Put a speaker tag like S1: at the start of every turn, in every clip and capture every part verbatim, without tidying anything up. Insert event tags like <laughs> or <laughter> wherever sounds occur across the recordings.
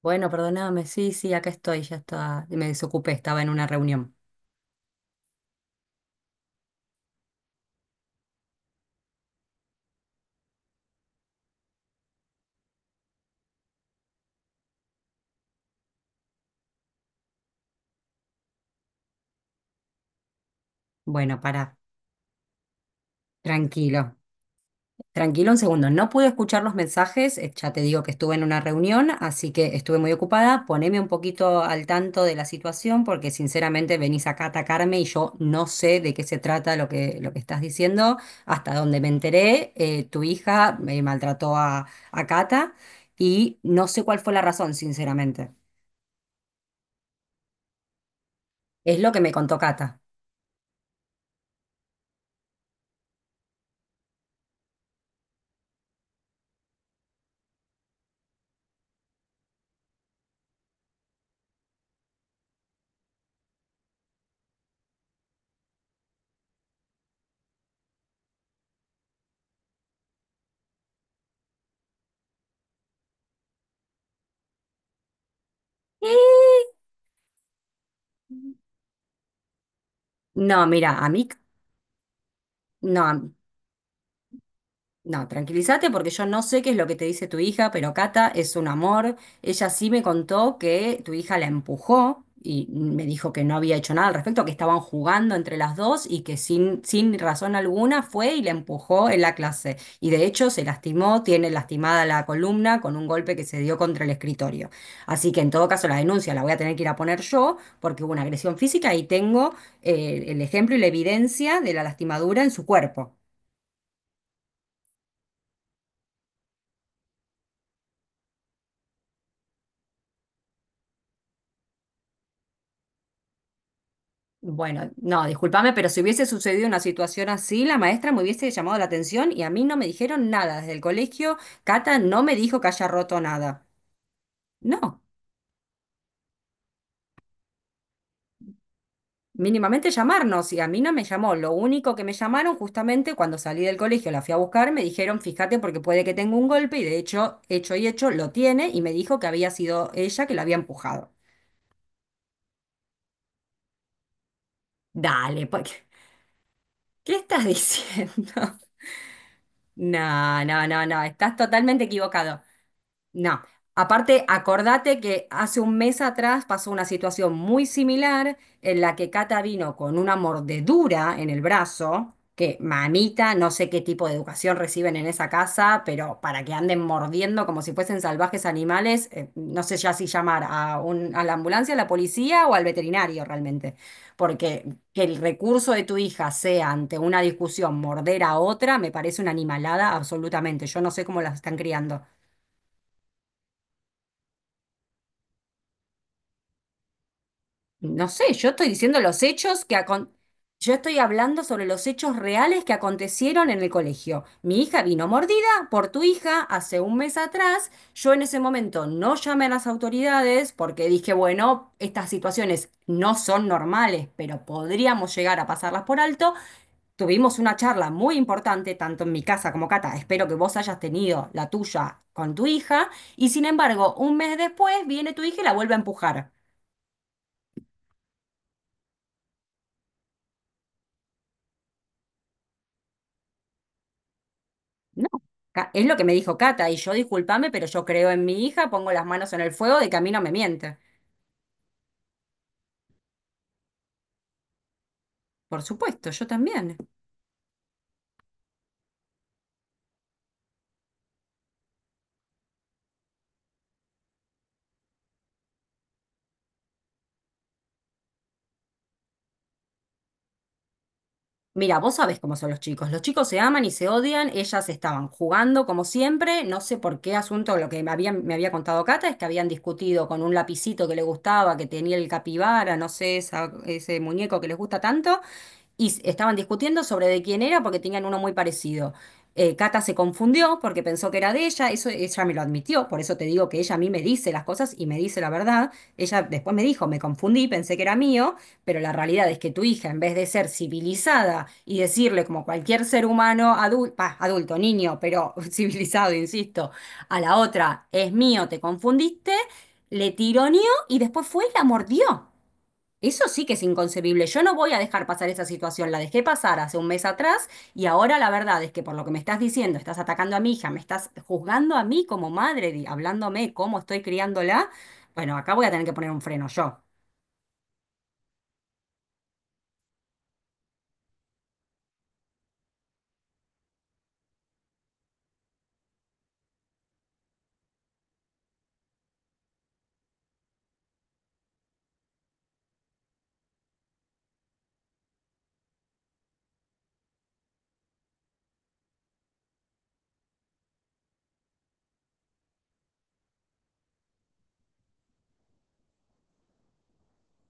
S1: Bueno, perdóname, sí, sí, acá estoy, ya estaba, me desocupé, estaba en una reunión. Bueno, pará, tranquilo, tranquilo un segundo, no pude escuchar los mensajes, eh, ya te digo que estuve en una reunión, así que estuve muy ocupada, poneme un poquito al tanto de la situación, porque sinceramente venís acá a atacarme y yo no sé de qué se trata lo que, lo que estás diciendo, hasta donde me enteré, eh, tu hija me maltrató a, a Cata y no sé cuál fue la razón, sinceramente, es lo que me contó Cata. No, mira, a mí, no, a- no, tranquilízate porque yo no sé qué es lo que te dice tu hija, pero Cata es un amor. Ella sí me contó que tu hija la empujó y me dijo que no había hecho nada al respecto, que estaban jugando entre las dos y que sin, sin razón alguna fue y la empujó en la clase. Y de hecho se lastimó, tiene lastimada la columna con un golpe que se dio contra el escritorio. Así que en todo caso la denuncia la voy a tener que ir a poner yo porque hubo una agresión física y tengo eh, el ejemplo y la evidencia de la lastimadura en su cuerpo. Bueno, no, discúlpame, pero si hubiese sucedido una situación así, la maestra me hubiese llamado la atención y a mí no me dijeron nada. Desde el colegio, Cata no me dijo que haya roto nada. No, mínimamente llamarnos y a mí no me llamó. Lo único que me llamaron justamente cuando salí del colegio, la fui a buscar, me dijeron, fíjate porque puede que tenga un golpe y de hecho, hecho y hecho, lo tiene y me dijo que había sido ella que la había empujado. Dale, pues, ¿qué qué estás diciendo? <laughs> No, no, no, no, estás totalmente equivocado. No. Aparte, acordate que hace un mes atrás pasó una situación muy similar en la que Cata vino con una mordedura en el brazo, que mamita, no sé qué tipo de educación reciben en esa casa, pero para que anden mordiendo como si fuesen salvajes animales, eh, no sé ya si llamar a un, a la ambulancia, a la policía o al veterinario realmente. Porque que el recurso de tu hija sea ante una discusión morder a otra, me parece una animalada absolutamente. Yo no sé cómo las están criando. No sé, yo estoy diciendo los hechos que acon- yo estoy hablando sobre los hechos reales que acontecieron en el colegio. Mi hija vino mordida por tu hija hace un mes atrás. Yo en ese momento no llamé a las autoridades porque dije, bueno, estas situaciones no son normales, pero podríamos llegar a pasarlas por alto. Tuvimos una charla muy importante, tanto en mi casa como Cata. Espero que vos hayas tenido la tuya con tu hija. Y sin embargo, un mes después viene tu hija y la vuelve a empujar. No, Ca- es lo que me dijo Cata, y yo discúlpame, pero yo creo en mi hija, pongo las manos en el fuego de que a mí no me miente. Por supuesto, yo también. Mira, vos sabés cómo son los chicos. Los chicos se aman y se odian, ellas estaban jugando como siempre, no sé por qué asunto, lo que me habían- me había contado Cata es que habían discutido con un lapicito que le gustaba, que tenía el capibara, no sé, esa- ese muñeco que les gusta tanto, y s- estaban discutiendo sobre de quién era porque tenían uno muy parecido. Eh, Cata se confundió porque pensó que era de ella, eso ella me lo admitió, por eso te digo que ella a mí me dice las cosas y me dice la verdad. Ella después me dijo, me confundí, pensé que era mío, pero la realidad es que tu hija, en vez de ser civilizada y decirle como cualquier ser humano adulto, adulto, niño, pero <laughs> civilizado, insisto, a la otra, es mío, te confundiste, le tironeó y después fue y la mordió. Eso sí que es inconcebible. Yo no voy a dejar pasar esa situación. La dejé pasar hace un mes atrás y ahora la verdad es que por lo que me estás diciendo, estás atacando a mi hija, me estás juzgando a mí como madre, di- hablándome cómo estoy criándola. Bueno, acá voy a tener que poner un freno yo.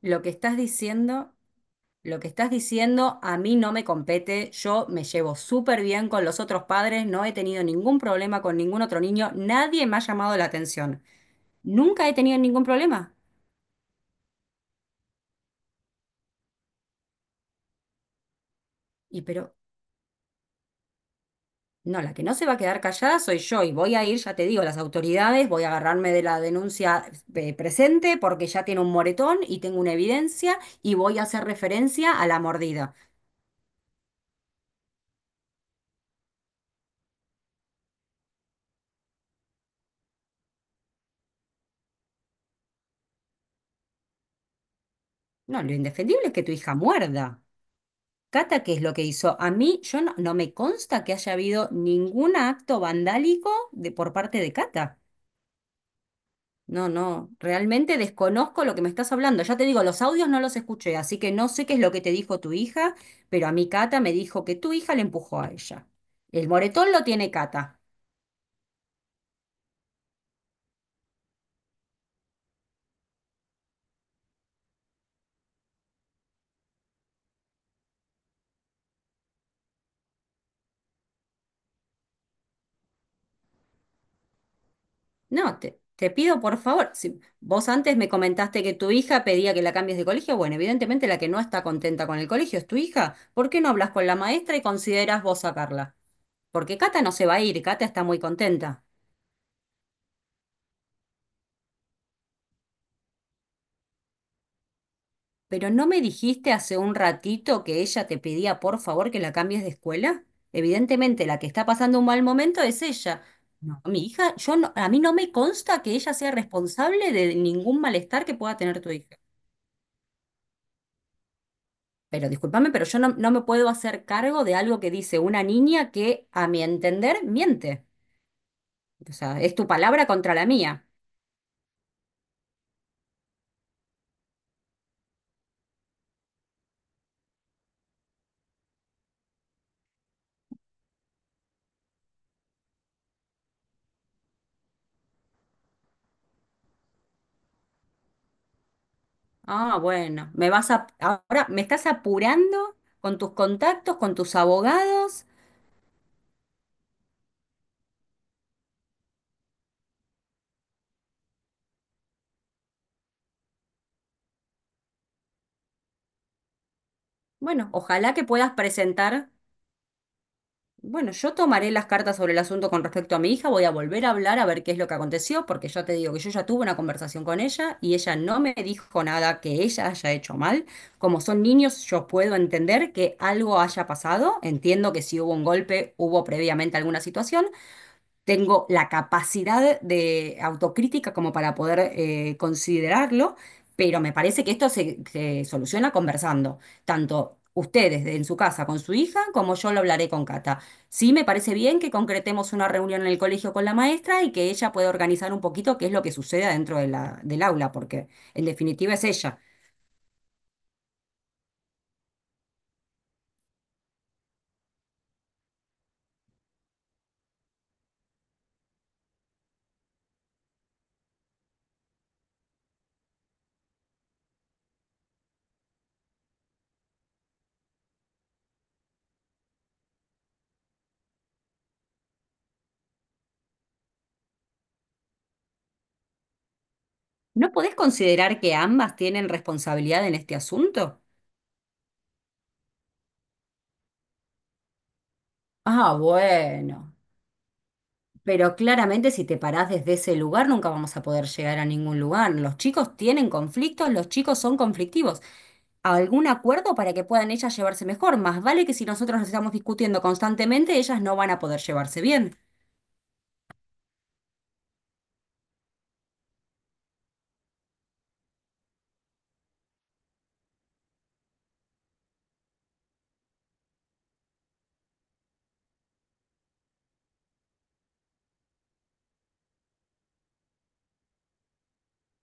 S1: Lo que estás diciendo, lo que estás diciendo a mí no me compete. Yo me llevo súper bien con los otros padres, no he tenido ningún problema con ningún otro niño, nadie me ha llamado la atención. Nunca he tenido ningún problema. Y pero No, la que no se va a quedar callada soy yo y voy a ir, ya te digo, a las autoridades, voy a agarrarme de la denuncia eh, presente porque ya tiene un moretón y tengo una evidencia y voy a hacer referencia a la mordida. No, lo indefendible es que tu hija muerda. Cata, ¿qué es lo que hizo? A mí, yo no, no me consta que haya habido ningún acto vandálico de, por parte de Cata. No, no, realmente desconozco lo que me estás hablando. Ya te digo, los audios no los escuché, así que no sé qué es lo que te dijo tu hija, pero a mi Cata me dijo que tu hija le empujó a ella. El moretón lo tiene Cata. No, te, te pido por favor, si vos antes me comentaste que tu hija pedía que la cambies de colegio, bueno, evidentemente la que no está contenta con el colegio es tu hija. ¿Por qué no hablas con la maestra y consideras vos sacarla? Porque Cata no se va a ir, Cata está muy contenta. Pero ¿no me dijiste hace un ratito que ella te pedía por favor que la cambies de escuela? Evidentemente, la que está pasando un mal momento es ella. No, mi hija, yo no- a mí no me consta que ella sea responsable de ningún malestar que pueda tener tu hija. Pero discúlpame, pero yo no, no me puedo hacer cargo de algo que dice una niña que, a mi entender, miente. O sea, es tu palabra contra la mía. Ah, bueno, me vas a, ahora me estás apurando con tus contactos, con tus abogados. Bueno, ojalá que puedas presentar Bueno, yo tomaré las cartas sobre el asunto con respecto a mi hija, voy a volver a hablar a ver qué es lo que aconteció, porque ya te digo que yo ya tuve una conversación con ella y ella no me dijo nada que ella haya hecho mal. Como son niños, yo puedo entender que algo haya pasado, entiendo que si hubo un golpe, hubo previamente alguna situación, tengo la capacidad de autocrítica como para poder eh, considerarlo, pero me parece que esto se, se soluciona conversando, tanto ustedes de- en su casa con su hija como yo lo hablaré con Cata. Sí, me parece bien que concretemos una reunión en el colegio con la maestra y que ella pueda organizar un poquito qué es lo que sucede dentro de la- del aula, porque en definitiva es ella. ¿No podés considerar que ambas tienen responsabilidad en este asunto? Ah, bueno. Pero claramente si te parás desde ese lugar nunca vamos a poder llegar a ningún lugar. Los chicos tienen conflictos, los chicos son conflictivos. Algún acuerdo para que puedan ellas llevarse mejor. Más vale que si nosotros nos estamos discutiendo constantemente, ellas no van a poder llevarse bien.